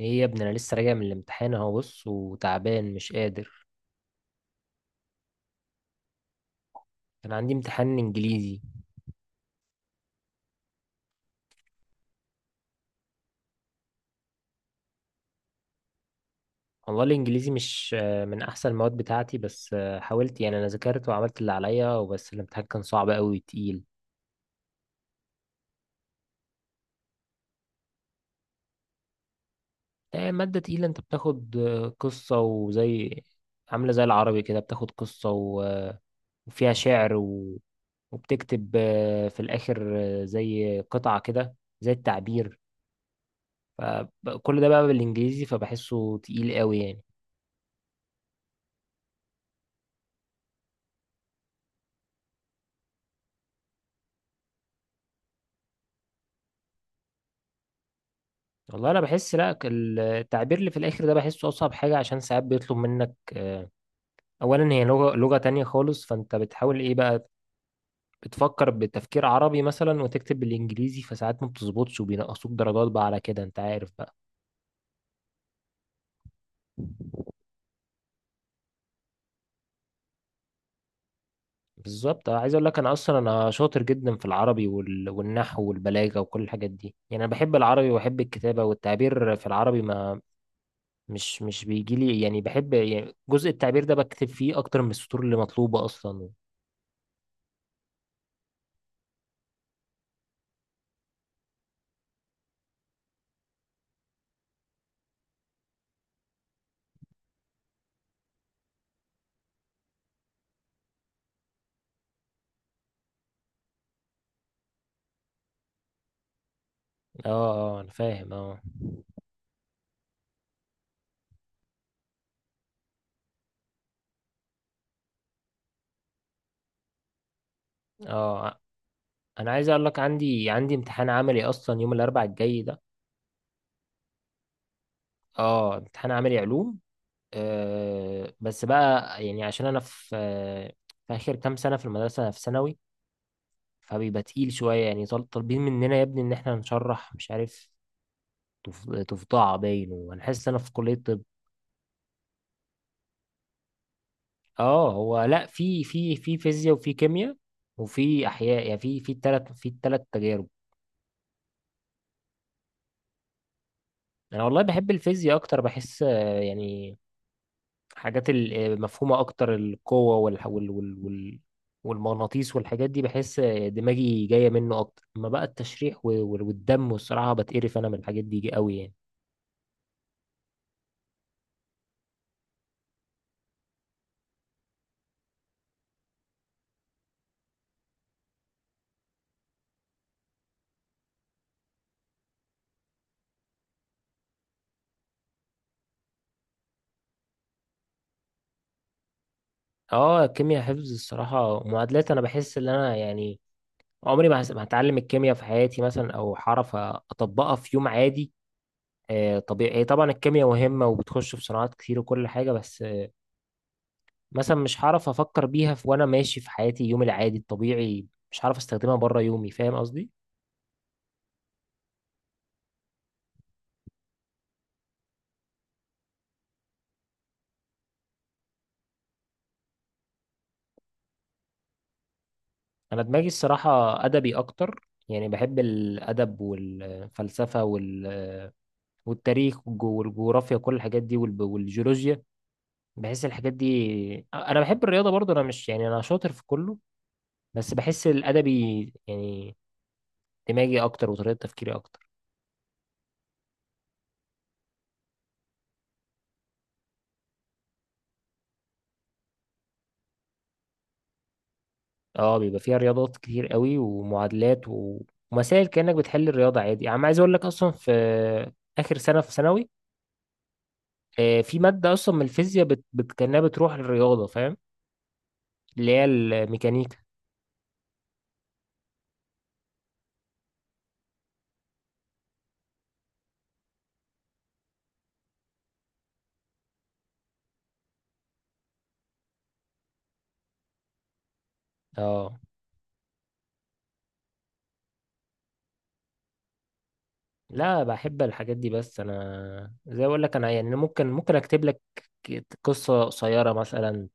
ايه يا ابني، انا لسه راجع من الامتحان اهو، بص وتعبان مش قادر. كان عندي امتحان انجليزي. والله الانجليزي مش من احسن المواد بتاعتي، بس حاولت يعني، انا ذاكرت وعملت اللي عليا وبس، الامتحان كان صعب قوي تقيل. مادة تقيلة. انت بتاخد قصة، وزي عاملة زي العربي كده، بتاخد قصة وفيها شعر وبتكتب في الاخر، زي قطعة كده، زي التعبير. فكل ده بقى بالانجليزي، فبحسه تقيل قوي يعني. والله انا بحس، لا، التعبير اللي في الاخر ده بحسه اصعب حاجه، عشان ساعات بيطلب منك اولا هي لغه تانية خالص، فانت بتحاول ايه بقى، بتفكر بتفكير عربي مثلا وتكتب بالانجليزي، فساعات ما بتظبطش وبينقصوك درجات بقى على كده، انت عارف بقى. بالظبط. أنا عايز اقول لك، انا اصلا انا شاطر جدا في العربي والنحو والبلاغه وكل الحاجات دي، يعني انا بحب العربي وبحب الكتابه والتعبير في العربي، ما مش بيجي لي يعني، بحب يعني جزء التعبير ده بكتب فيه اكتر من السطور اللي مطلوبه اصلا. اه، اه، انا فاهم، اه. اه، انا عايز اقول لك، عندي امتحان عملي اصلا يوم الاربعاء الجاي ده. اه، امتحان عملي علوم. آه، بس بقى يعني عشان انا في اخر كام سنه في المدرسه، في ثانوي، فبيبقى تقيل شويه يعني. طالبين مننا يا ابني ان احنا نشرح، مش عارف، تفضع باين، وانا حاسس ان انا في كليه طب. اه، هو لا، في فيزياء وفي كيمياء وفي احياء، يعني في في التلات تجارب. انا والله بحب الفيزياء اكتر، بحس يعني حاجات المفهومة أكتر، القوة والمغناطيس والحاجات دي، بحس دماغي جاية منه أكتر. أما بقى التشريح والدم، والصراحة بتقرف أنا من الحاجات دي قوي يعني. اه، الكيمياء حفظ الصراحة، معادلات، أنا بحس إن أنا يعني عمري ما هتعلم الكيمياء في حياتي مثلا، أو هعرف أطبقها في يوم عادي. آه، طبيعي هي طبعا الكيمياء مهمة وبتخش في صناعات كتير وكل حاجة، بس مثلا مش هعرف أفكر بيها في وأنا ماشي في حياتي يومي العادي الطبيعي، مش هعرف استخدمها بره يومي، فاهم قصدي. انا دماغي الصراحه ادبي اكتر، يعني بحب الادب والفلسفه والتاريخ والجغرافيا كل الحاجات دي، والجيولوجيا، بحس الحاجات دي. انا بحب الرياضه برضو، انا مش يعني، انا شاطر في كله، بس بحس الادبي يعني دماغي اكتر وطريقه تفكيري اكتر. اه، بيبقى فيها رياضات كتير قوي، ومعادلات ومسائل، كانك بتحل الرياضه عادي يعني. عايز اقول لك اصلا في اخر سنه في ثانوي في ماده اصلا من الفيزياء كانها بتروح للرياضه، فاهم، اللي هي الميكانيكا. اه، لا، بحب الحاجات دي، بس انا زي اقول لك انا يعني ممكن اكتب لك قصة قصيرة مثلا.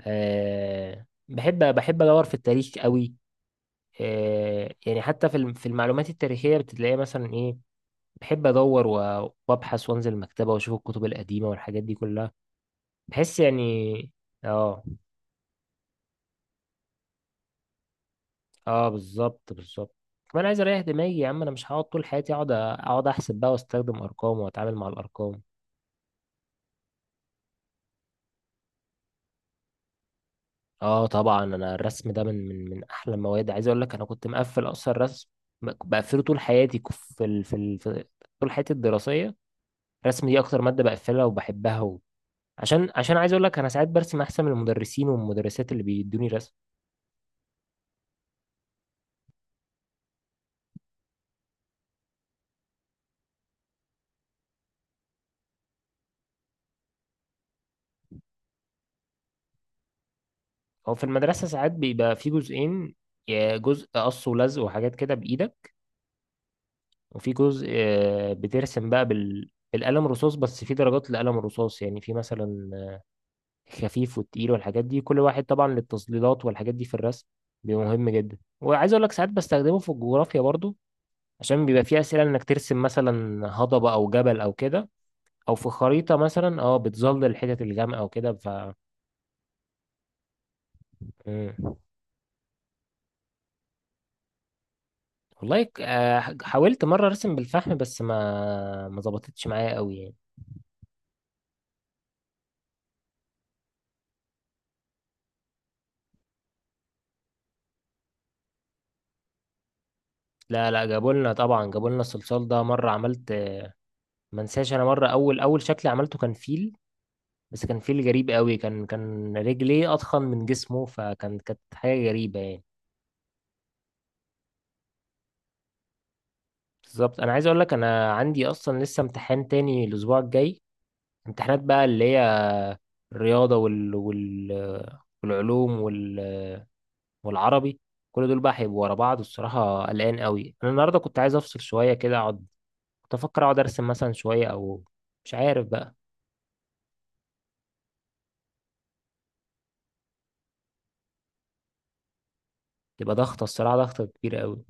أه، بحب ادور في التاريخ قوي. أه، يعني حتى في في المعلومات التاريخية بتلاقي مثلا ايه، بحب ادور وابحث وانزل المكتبة واشوف الكتب القديمة والحاجات دي كلها، بحس يعني. اه. اه، بالظبط، بالظبط. كمان عايز اريح دماغي يا عم، انا مش هقعد طول حياتي اقعد احسب بقى واستخدم ارقام واتعامل مع الارقام. اه، طبعا انا الرسم ده من من من احلى المواد، عايز اقول لك انا كنت مقفل اصلا رسم، بقفله طول حياتي ك- في ال... في, ال... في طول حياتي الدراسيه. الرسم دي اكتر ماده بقفلها وبحبها و... عشان عشان عايز اقول لك، انا ساعات برسم احسن من المدرسين والمدرسات اللي بيدوني رسم. هو في المدرسه ساعات بيبقى في جزئين، يا جزء قص ولزق وحاجات كده بايدك، وفي جزء بترسم بقى بالقلم الرصاص بس. في درجات لقلم الرصاص يعني، في مثلا خفيف والتقيل والحاجات دي، كل واحد طبعا للتظليلات والحاجات دي في الرسم بيبقى مهم جدا. وعايز اقول لك ساعات بستخدمه في الجغرافيا برضو، عشان بيبقى فيه اسئله انك ترسم مثلا هضبه او جبل او كده، او في خريطه مثلا، اه بتظلل الحتت الغامقه او كده ف. مم. والله، حاولت مره ارسم بالفحم بس ما ظبطتش معايا قوي يعني. لا لا، جابوا لنا طبعا، جابوا لنا الصلصال ده مره عملت. ما انساش انا، مره اول اول شكل عملته كان فيل، بس كان فيل غريب قوي، كان رجليه اضخم من جسمه، فكان، كانت حاجه غريبه يعني. بالظبط، انا عايز اقول لك، انا عندي اصلا لسه امتحان تاني الاسبوع الجاي، امتحانات بقى اللي هي الرياضه والعلوم والعربي، كل دول بقى هيبقوا ورا بعض. الصراحه قلقان قوي انا النهارده، كنت عايز افصل شويه كده، اقعد، كنت افكر اقعد ارسم مثلا شويه، او مش عارف بقى. تبقى ضغطه، الصراحه ضغطه كبيره قوي.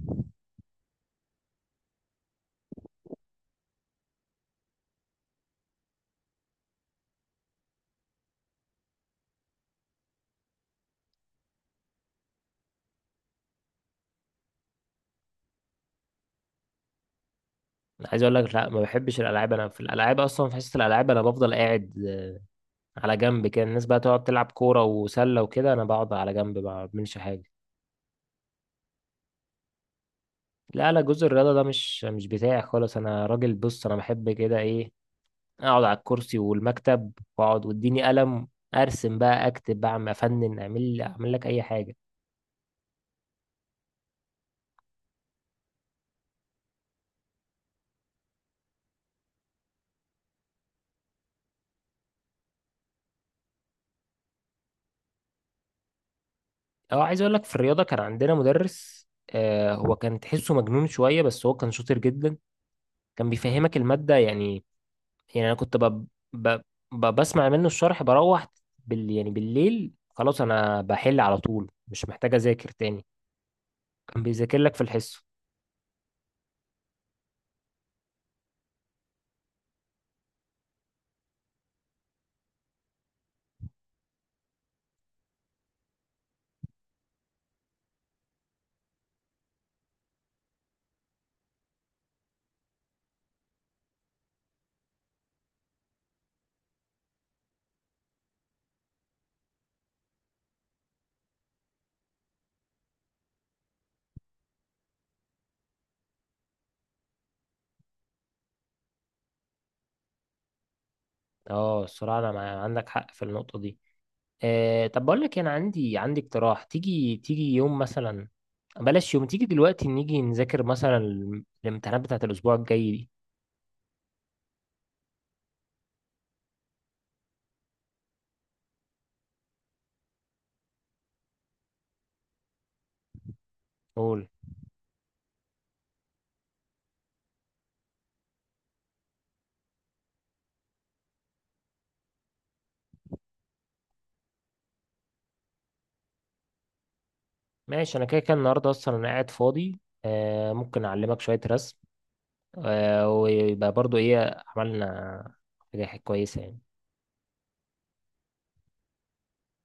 انا عايز اقول لك، لا، ما بحبش الالعاب. انا في الالعاب اصلا، في حصه الالعاب، انا بفضل قاعد على جنب كده. الناس بقى تقعد تلعب كورة وسلة وكده، أنا بقعد على جنب ما بعملش حاجة. لا لا، جزء الرياضة ده مش بتاعي خالص. أنا راجل، بص، أنا بحب كده إيه، أقعد على الكرسي والمكتب، وأقعد وإديني قلم، أرسم بقى، أكتب، بعمل، أفنن، أعمل لك أي حاجة. أه، عايز أقول لك، في الرياضة كان عندنا مدرس، آه، هو كان تحسه مجنون شوية، بس هو كان شاطر جدا، كان بيفهمك المادة يعني. يعني انا كنت ب... بسمع منه الشرح، بروح يعني بالليل خلاص، انا بحل على طول مش محتاج اذاكر تاني، كان بيذاكر لك في الحصه. اه، الصراحه انا عندك حق في النقطه دي. آه، طب بقول لك إيه، انا عندي اقتراح، تيجي يوم مثلا، بلاش يوم، تيجي دلوقتي نيجي نذاكر مثلا الامتحانات بتاعت الاسبوع الجاي دي. قول. ماشي، انا كده كده النهارده اصلا انا قاعد فاضي، ممكن اعلمك شويه رسم، ويبقى برضو ايه عملنا حاجه كويسه يعني.